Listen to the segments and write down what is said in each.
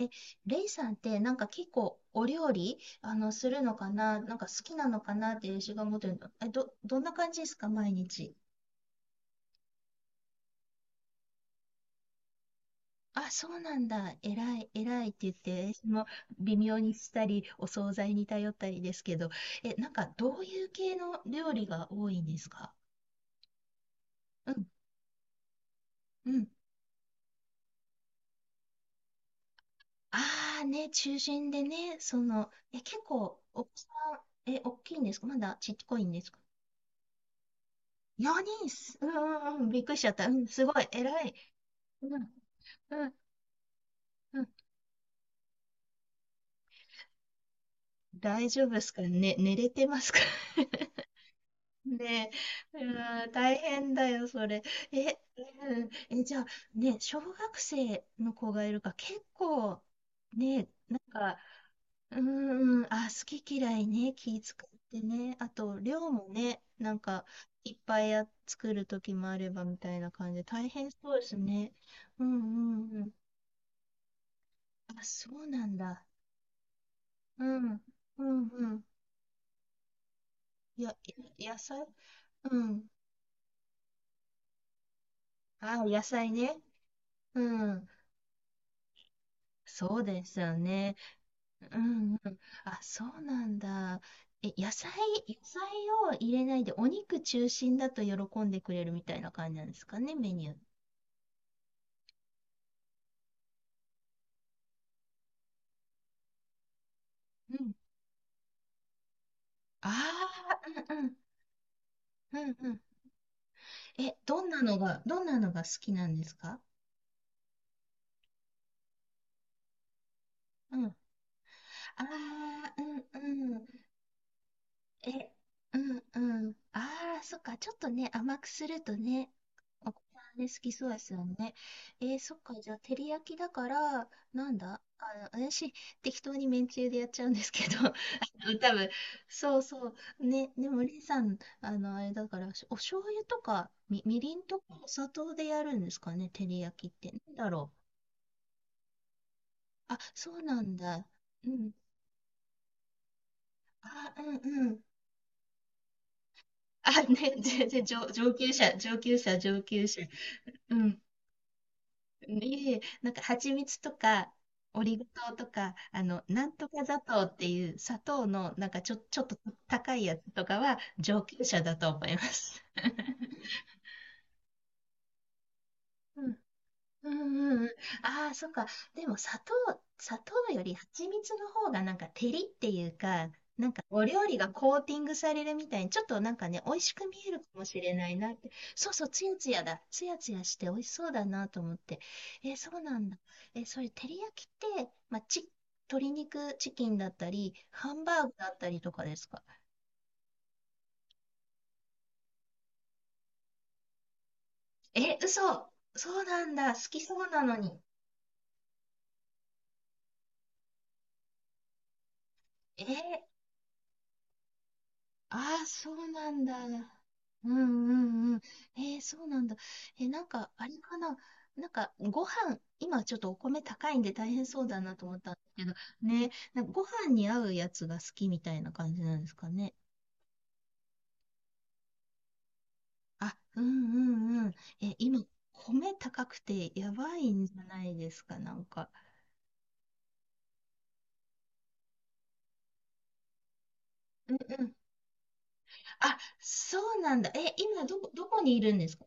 え、レイさんってなんか結構お料理するのかな、なんか好きなのかなって私が思ってるの。え、どんな感じですか、毎日？あ、そうなんだ。えらい、えらいって言って、私も微妙にしたり、お惣菜に頼ったりですけど、え、なんかどういう系の料理が多いんですか？うん、うん。ああ、ね、中心でね、結構、お子さん、え、大きいんですか、まだちっこいんですか？ 4 人っす。うんうんうん、びっくりしちゃった。うん、すごい、えらい。うんうんうん、大丈夫ですかね、寝れてますか？ ねえ、うん、大変だよ、それ。え、うん、え、じゃあ、ね、小学生の子がいるから、結構、ね、なんか、うんん、あ、好き嫌いね、気使ってね、あと、量もね、なんか、いっぱいや作る時もあればみたいな感じで、大変そうですね。うんうんうん。あ、そうなんだ。うん、うんうん。いや、野菜。うん。ああ、野菜ね。うん。そうですよね。うんうん。あ、そうなんだ。え、野菜を入れないで、お肉中心だと喜んでくれるみたいな感じなんですかね、メニュー。うん。ああ、うんうん。うんうん。え、どんなのが好きなんですか？うん。ああ、うんうん。え、うんうん。ああ、そっか。ちょっとね、甘くするとね、お子さんね、好きそうですよね。えー、そっか。じゃあ、照り焼きだから、なんだ私、適当にめんつゆでやっちゃうんですけど、多分、そうそう。ね、でも、レイさん、あれだから、お醤油とか、みりんとか、お砂糖でやるんですかね、照り焼きって。なんだろう。あ、そうなんだ。うん。あ、うんうん。あ、ね、全然上級者、上級者、上級者。うん。いえいえ、なんか蜂蜜とか、オリゴ糖とか、なんとか砂糖っていう砂糖の、なんかちょっと高いやつとかは上級者だと思います。うんうんうん。ああ、そっか。でも砂糖より蜂蜜の方がなんか照りっていうか、なんかお料理がコーティングされるみたいに、ちょっとなんかね、美味しく見えるかもしれないなって。そうそう、つやつやだ。つやつやして美味しそうだなと思って。えー、そうなんだ。えー、それ、照り焼きって、まあ、鶏肉チキンだったり、ハンバーグだったりとかですか？え、嘘。そうなんだ。好きそうなのに。えーああ、そうなんだ。うんうんうん。えー、そうなんだ。なんか、あれかな。なんか、今ちょっとお米高いんで大変そうだなと思ったんですけど、ね、なんかご飯に合うやつが好きみたいな感じなんですかね。あ、うんうんうん。今、米高くてやばいんじゃないですか、なんか。うんうん。あ、そうなんだ。今どこにいるんですか？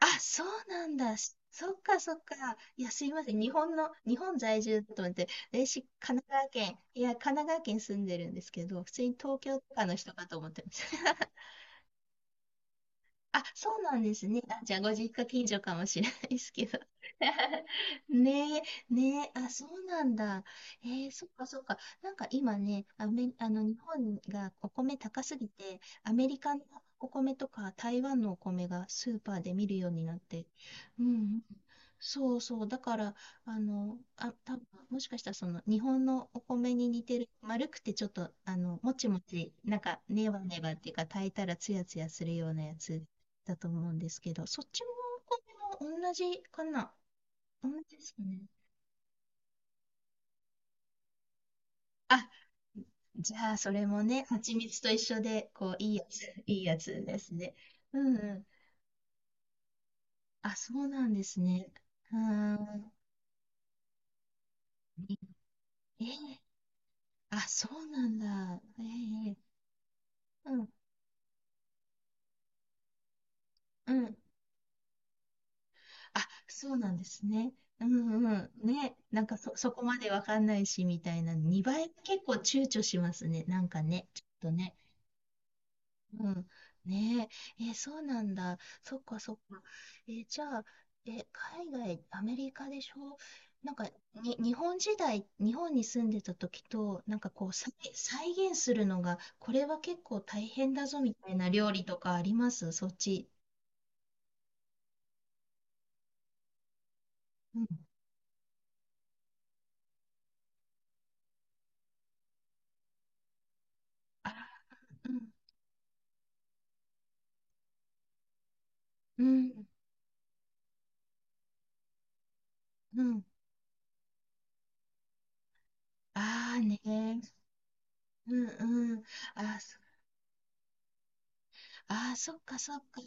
あ、そうなんだ。そっかそっか。いや、すいません。日本在住だと思って、私、神奈川県、いや、神奈川県住んでるんですけど、普通に東京とかの人かと思ってました。あ、そうなんですね。あ、じゃあ、ご実家近所かもしれないですけど。ねえ、ねえ、あ、そうなんだ。えー、そっかそっか。なんか今ね、アメ、あの、日本がお米高すぎて、アメリカのお米とか台湾のお米がスーパーで見るようになって、うんうん。そうそう。だから、あの、あ、た、もしかしたらその日本のお米に似てる、丸くてちょっと、もちもち、なんか、ネバネバっていうか、炊いたらツヤツヤするようなやつだと思うんですけど、そっちのお米も同じかな、同じですかね？あ、じゃあ、それもね、蜂蜜と一緒で、こう、いいやつ、いいやつですね。うんうん。あ、そうなんですね。うーん。えーあ、そうなんだ。ええ、うん、うん。あ、そうなんですね。うんうん。ね。なんかそこまでわかんないし、みたいな。2倍結構躊躇しますね。なんかね。ちょっとね。うん。ねえ。え、そうなんだ。そっかそっか。え、じゃあ、え、海外、アメリカでしょ、なんか、に、日本に住んでた時と、なんかこう、再現するのが、これは結構大変だぞ、みたいな料理とかありますそっち？うん。あ、うん。うん。うん。ああね、うんうん。あ、あー、そっかそっか。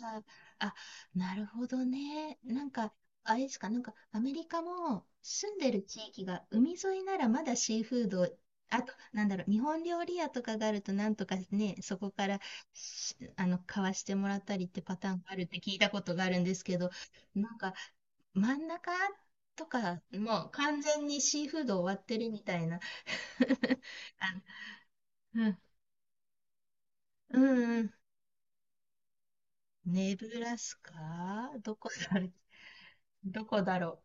あ、なるほどね。なんか、あれですか、なんかアメリカも住んでる地域が海沿いならまだシーフード、あと、なんだろう、日本料理屋とかがあるとなんとかね、そこからしあの買わしてもらったりってパターンがあるって聞いたことがあるんですけど、なんか真ん中とかもう完全にシーフード終わってるみたいな。あ、うん。うんうん、ネブラスカどこだろう。どこだろ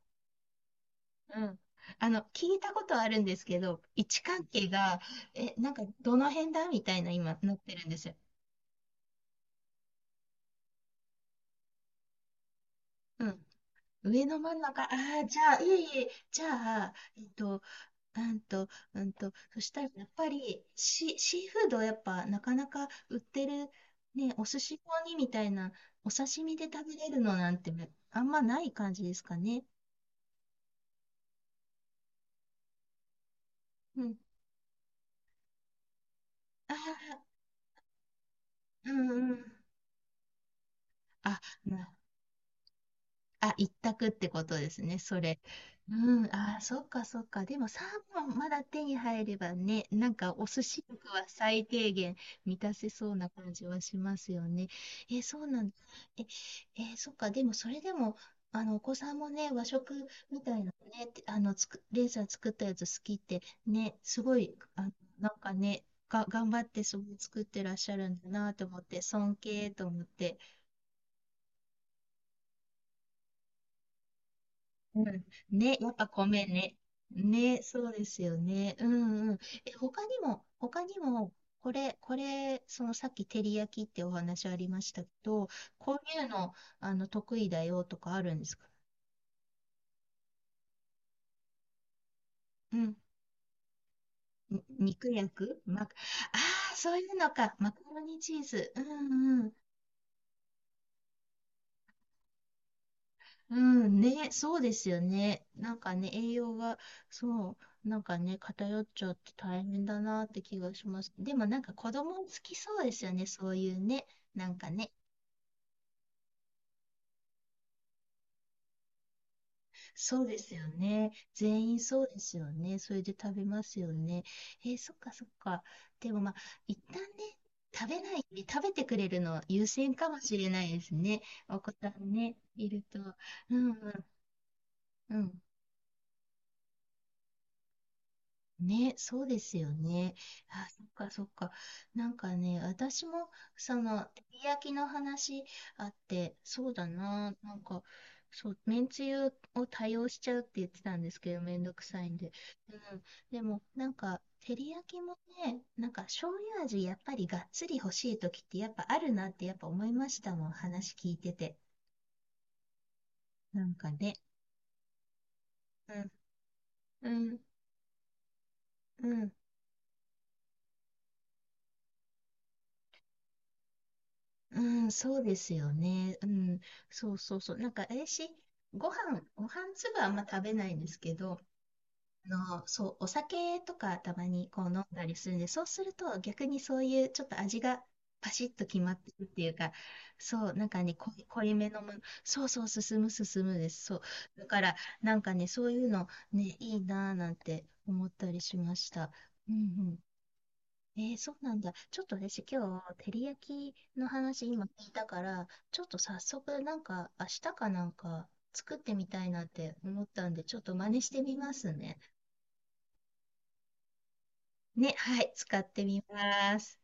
う。うん。聞いたことあるんですけど、位置関係が、え、なんかどの辺だみたいな今なってるんですよ。うん。上の真ん中、ああ、じゃあ、いえいえ、じゃあ、うんと、そしたらやっぱりシーフードやっぱなかなか売ってる、ね、お寿司用にみたいな、お刺身で食べれるのなんてあんまない感じですかね。うん。ああ、うんうん。あ、な一択ってことですね、それ。うん、あー、そっかそっか。でもサーモンまだ手に入ればね、なんかお寿司とかは最低限満たせそうな感じはしますよね。え、そうなんだ。え、え、そっか。でもそれでも、お子さんもね、和食みたいなね、てあの、つく、レイさん作ったやつ好きって、ね、すごい、あ、なんかね、頑張ってすごい作ってらっしゃるんだなと思って、尊敬と思って。うん。ね、やっぱ米ね。ね、そうですよね。うんうん。え、他にも、これ、そのさっき照り焼きってお話ありましたけど、こういうの、得意だよとかあるんですか？うん。に肉焼くま、ああー、そういうのか。マカロニチーズ。うんうん。うん、ね、そうですよね。なんかね、栄養が、そう、なんかね、偏っちゃって大変だなって気がします。でもなんか子供好きそうですよね、そういうね。なんかね、そうですよね。全員そうですよね。それで食べますよね。えー、そっかそっか。でもまあ、一旦ね、食べない、食べてくれるの優先かもしれないですね。お子さんね、いると。うんうん、うんね、そうですよね。あ、そっかそっか。なんかね、私も、その、照り焼きの話あって、そうだな、なんか、そう、めんつゆを多用しちゃうって言ってたんですけど、めんどくさいんで。うん。でも、なんか、照り焼きもね、なんか、醤油味、やっぱりがっつり欲しい時って、やっぱあるなって、やっぱ思いましたもん、話聞いてて。なんかね。うん、うん、うん。うん、そうですよね。うん、そうそうそう。なんか、私、ご飯粒はあんま食べないんですけど、あそう、お酒とかたまにこう飲んだりするんで、そうすると逆にそういうちょっと味がパシッと決まってるっていうか、そう、なんかね、濃いめのもの、そうそう、進むです。そう。だから、なんかね、そういうの、ね、いいなぁなんて思ったりしました。うん、えー、そうなんだ。ちょっと私今日、照り焼きの話今聞いたから、ちょっと早速なんか明日かなんか作ってみたいなって思ったんで、ちょっと真似してみますね。ね、はい、使ってみます。